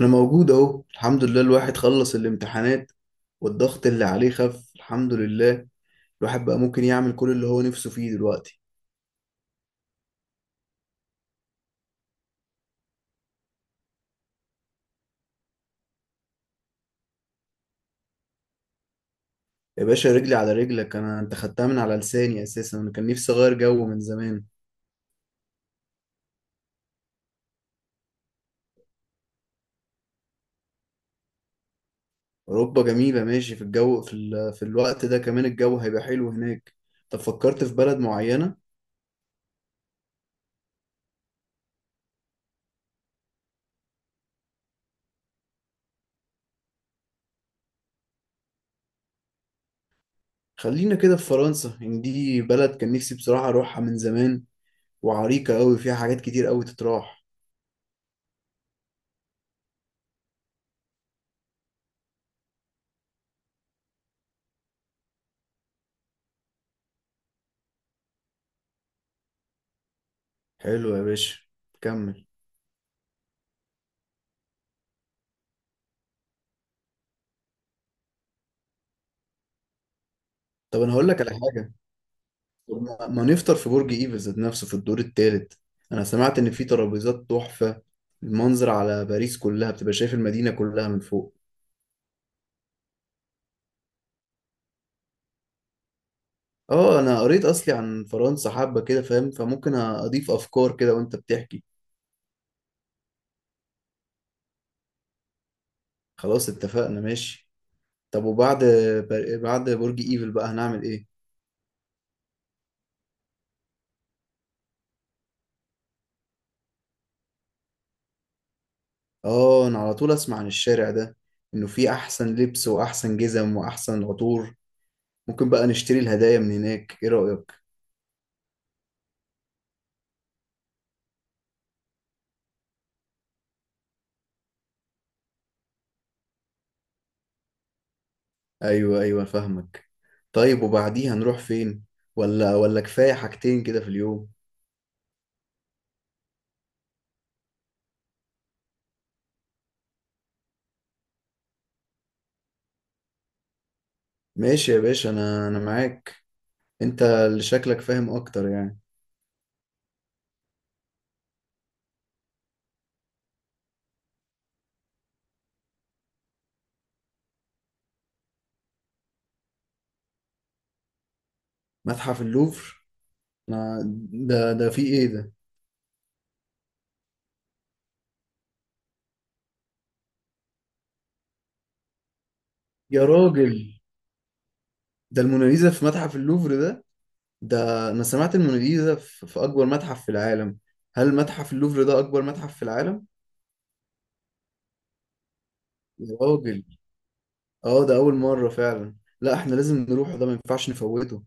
انا موجود اهو، الحمد لله. الواحد خلص الامتحانات والضغط اللي عليه خف، الحمد لله. الواحد بقى ممكن يعمل كل اللي هو نفسه فيه دلوقتي. يا باشا، رجلي على رجلك. انا انت خدتها من على لساني اساسا. انا كان نفسي اغير جو من زمان. اوروبا جميلة، ماشي. في الجو، في الوقت ده كمان الجو هيبقى حلو هناك. طب فكرت في بلد معينة؟ خلينا كده في فرنسا، ان دي بلد كان نفسي بصراحة اروحها من زمان، وعريقة قوي، فيها حاجات كتير قوي تتراح. حلو يا باشا، كمل. طب انا هقول لك على حاجة. طب ما نفطر في برج ايفل ذات نفسه في الدور التالت؟ انا سمعت ان في ترابيزات تحفة. المنظر على باريس كلها بتبقى شايف المدينة كلها من فوق. اه، انا قريت اصلي عن فرنسا حبة كده، فاهم، فممكن اضيف افكار كده وانت بتحكي. خلاص اتفقنا ماشي. طب وبعد، بعد برج ايفل بقى هنعمل ايه؟ اه انا على طول اسمع عن الشارع ده، انه فيه احسن لبس واحسن جزم واحسن عطور. ممكن بقى نشتري الهدايا من هناك، ايه رأيك؟ ايوه ايوه، فاهمك. طيب وبعديها نروح فين؟ ولا كفايه حاجتين كده في اليوم؟ ماشي يا باشا، انا معاك. انت اللي شكلك فاهم اكتر يعني. متحف اللوفر؟ أنا، ده فيه ايه ده؟ يا راجل، ده الموناليزا في متحف اللوفر ده؟ ده انا سمعت الموناليزا في اكبر متحف في العالم. هل متحف اللوفر ده اكبر متحف في العالم؟ يا راجل، اه ده اول مره فعلا. لا احنا لازم نروح ده، ما ينفعش نفوته.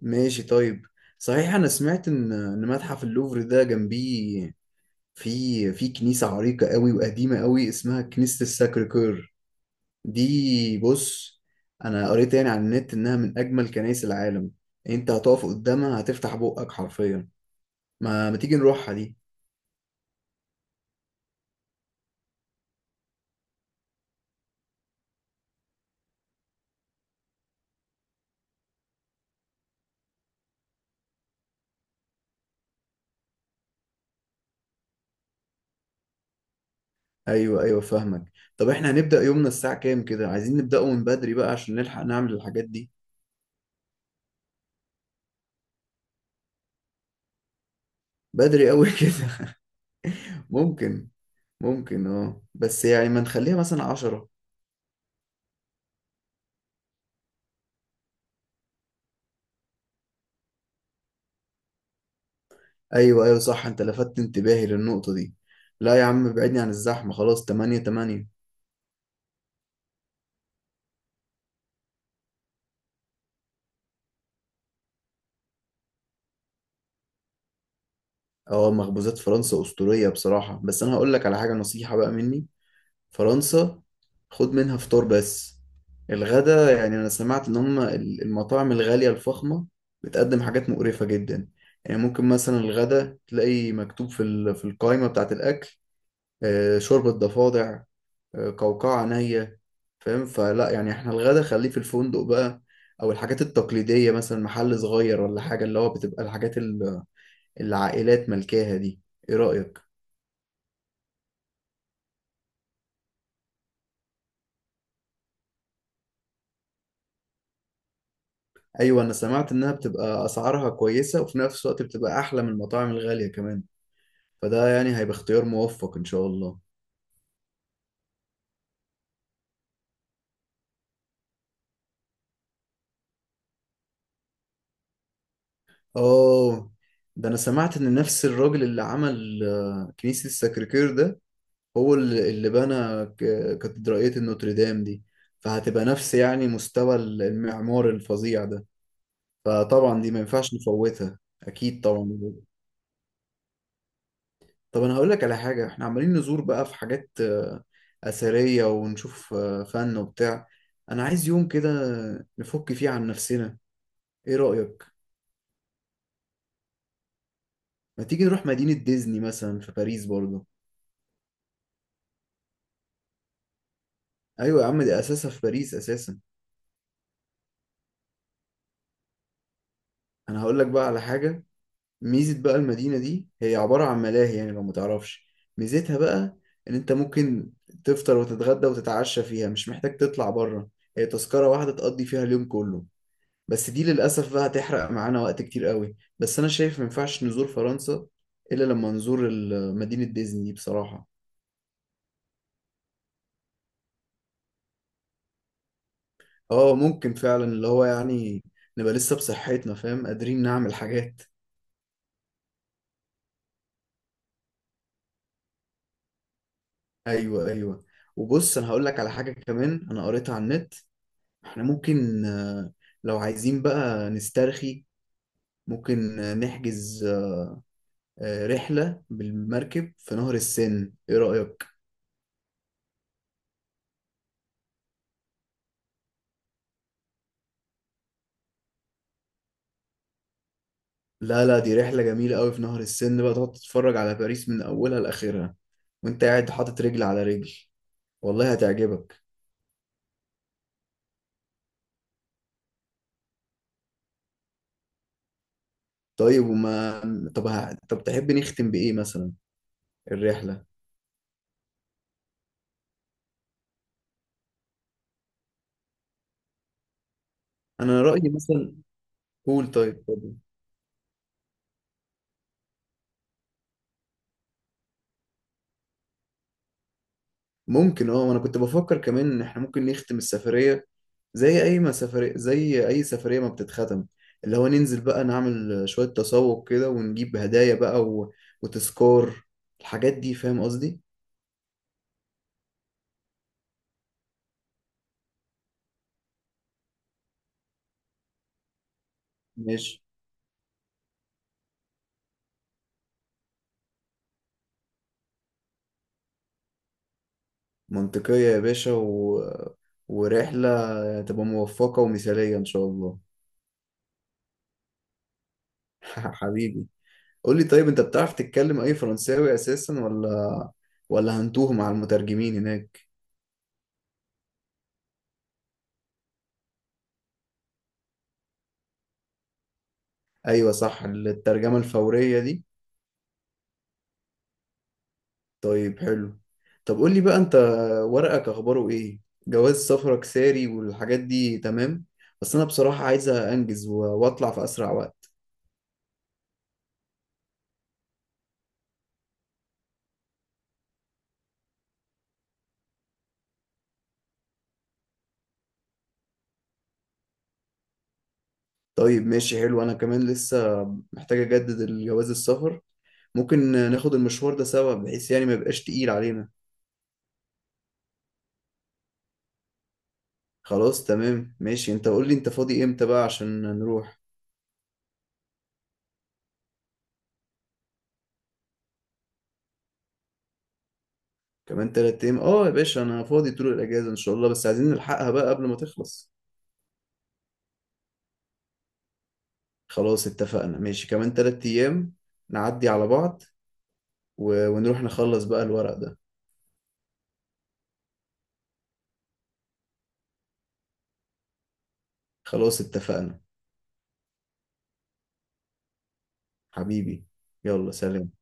ماشي طيب. صحيح انا سمعت ان متحف اللوفر ده جنبيه في كنيسة عريقة قوي وقديمة قوي، اسمها كنيسة الساكر كور. دي بص، انا قريت يعني على النت انها من اجمل كنائس العالم. انت هتقف قدامها هتفتح بقك حرفيا. ما تيجي نروحها دي؟ ايوه ايوه، فاهمك. طب احنا هنبدأ يومنا الساعة كام كده؟ عايزين نبدأه من بدري بقى عشان نلحق نعمل الحاجات دي. بدري قوي كده. ممكن. اه، بس يعني ما نخليها مثلا 10؟ ايوه ايوه صح، انت لفتت انتباهي للنقطة دي. لا يا عم، ابعدني عن الزحمة. خلاص 8 8. اه، مخبوزات فرنسا أسطورية بصراحة. بس انا هقول لك على حاجة، نصيحة بقى مني. فرنسا، خد منها فطار بس. الغدا، يعني انا سمعت ان هم المطاعم الغالية الفخمة بتقدم حاجات مقرفة جدا. يعني ممكن مثلا الغدا تلاقي مكتوب في في القائمة بتاعة الاكل، شوربة ضفادع، قوقعة عينيا، فاهم. فلا يعني احنا الغدا خليه في الفندق بقى، او الحاجات التقليدية، مثلا محل صغير ولا حاجة، اللي هو بتبقى الحاجات اللي العائلات ملكاها دي. ايه رأيك؟ ايوه، انا سمعت انها بتبقى اسعارها كويسة، وفي نفس الوقت بتبقى احلى من المطاعم الغالية كمان. فده يعني هيبقى اختيار موفق ان شاء الله. اه، ده انا سمعت ان نفس الراجل اللي عمل كنيسة السكركير ده هو اللي بنى كاتدرائية النوتردام دي. فهتبقى نفس يعني مستوى المعمار الفظيع ده. فطبعا دي ما ينفعش نفوتها أكيد طبعا. طب أنا هقول لك على حاجة. إحنا عمالين نزور بقى في حاجات أثرية، ونشوف فن وبتاع. أنا عايز يوم كده نفك فيه عن نفسنا. إيه رأيك؟ ما تيجي نروح مدينة ديزني مثلا في باريس برضه؟ أيوة يا عم، دي أساسها في باريس أساسا. أنا هقول لك بقى على حاجة. ميزة بقى المدينة دي، هي عبارة عن ملاهي، يعني لو متعرفش. ميزتها بقى إن أنت ممكن تفطر وتتغدى وتتعشى فيها، مش محتاج تطلع بره. هي تذكرة واحدة تقضي فيها اليوم كله. بس دي للأسف بقى هتحرق معانا وقت كتير قوي. بس أنا شايف مينفعش نزور فرنسا إلا لما نزور مدينة ديزني دي بصراحة. آه ممكن فعلا، اللي هو يعني نبقى لسه بصحتنا، فاهم، قادرين نعمل حاجات. أيوه أيوه. وبص أنا هقولك على حاجة كمان، أنا قريتها على النت. احنا ممكن، لو عايزين بقى نسترخي، ممكن نحجز رحلة بالمركب في نهر السن، ايه رأيك؟ لا لا، دي رحلة جميلة قوي في نهر السن، بقى تقعد تتفرج على باريس من أولها لآخرها وانت قاعد حاطط رجل على رجل. والله هتعجبك. طيب، طب تحب نختم بإيه مثلا الرحلة؟ أنا رأيي مثلا. قول طيب، اتفضل. ممكن، اه، انا كنت بفكر كمان ان احنا ممكن نختم السفرية زي اي ما سفرية زي اي سفرية ما بتتختم، اللي هو ننزل بقى نعمل شوية تسوق كده ونجيب هدايا بقى و... وتذكار، الحاجات دي، فاهم قصدي. ماشي، منطقية يا باشا، و... ورحلة تبقى موفقة ومثالية ان شاء الله. حبيبي. قول لي طيب، انت بتعرف تتكلم اي فرنساوي اساسا، ولا هنتوه مع المترجمين هناك؟ ايوه صح، الترجمة الفورية دي. طيب حلو. طب قول لي بقى انت، ورقك اخباره ايه؟ جواز سفرك ساري والحاجات دي تمام؟ بس انا بصراحة عايزة انجز واطلع في اسرع وقت. طيب ماشي حلو، انا كمان لسه محتاج اجدد الجواز السفر. ممكن ناخد المشوار ده سوا بحيث يعني ما يبقاش تقيل علينا. خلاص تمام ماشي. انت قول لي انت فاضي امتى بقى عشان نروح. كمان 3 ايام اه يا باشا، انا فاضي طول الاجازة ان شاء الله، بس عايزين نلحقها بقى قبل ما تخلص. خلاص اتفقنا ماشي، كمان 3 ايام نعدي على بعض ونروح نخلص بقى الورق ده. خلاص اتفقنا. حبيبي، يلا سلام.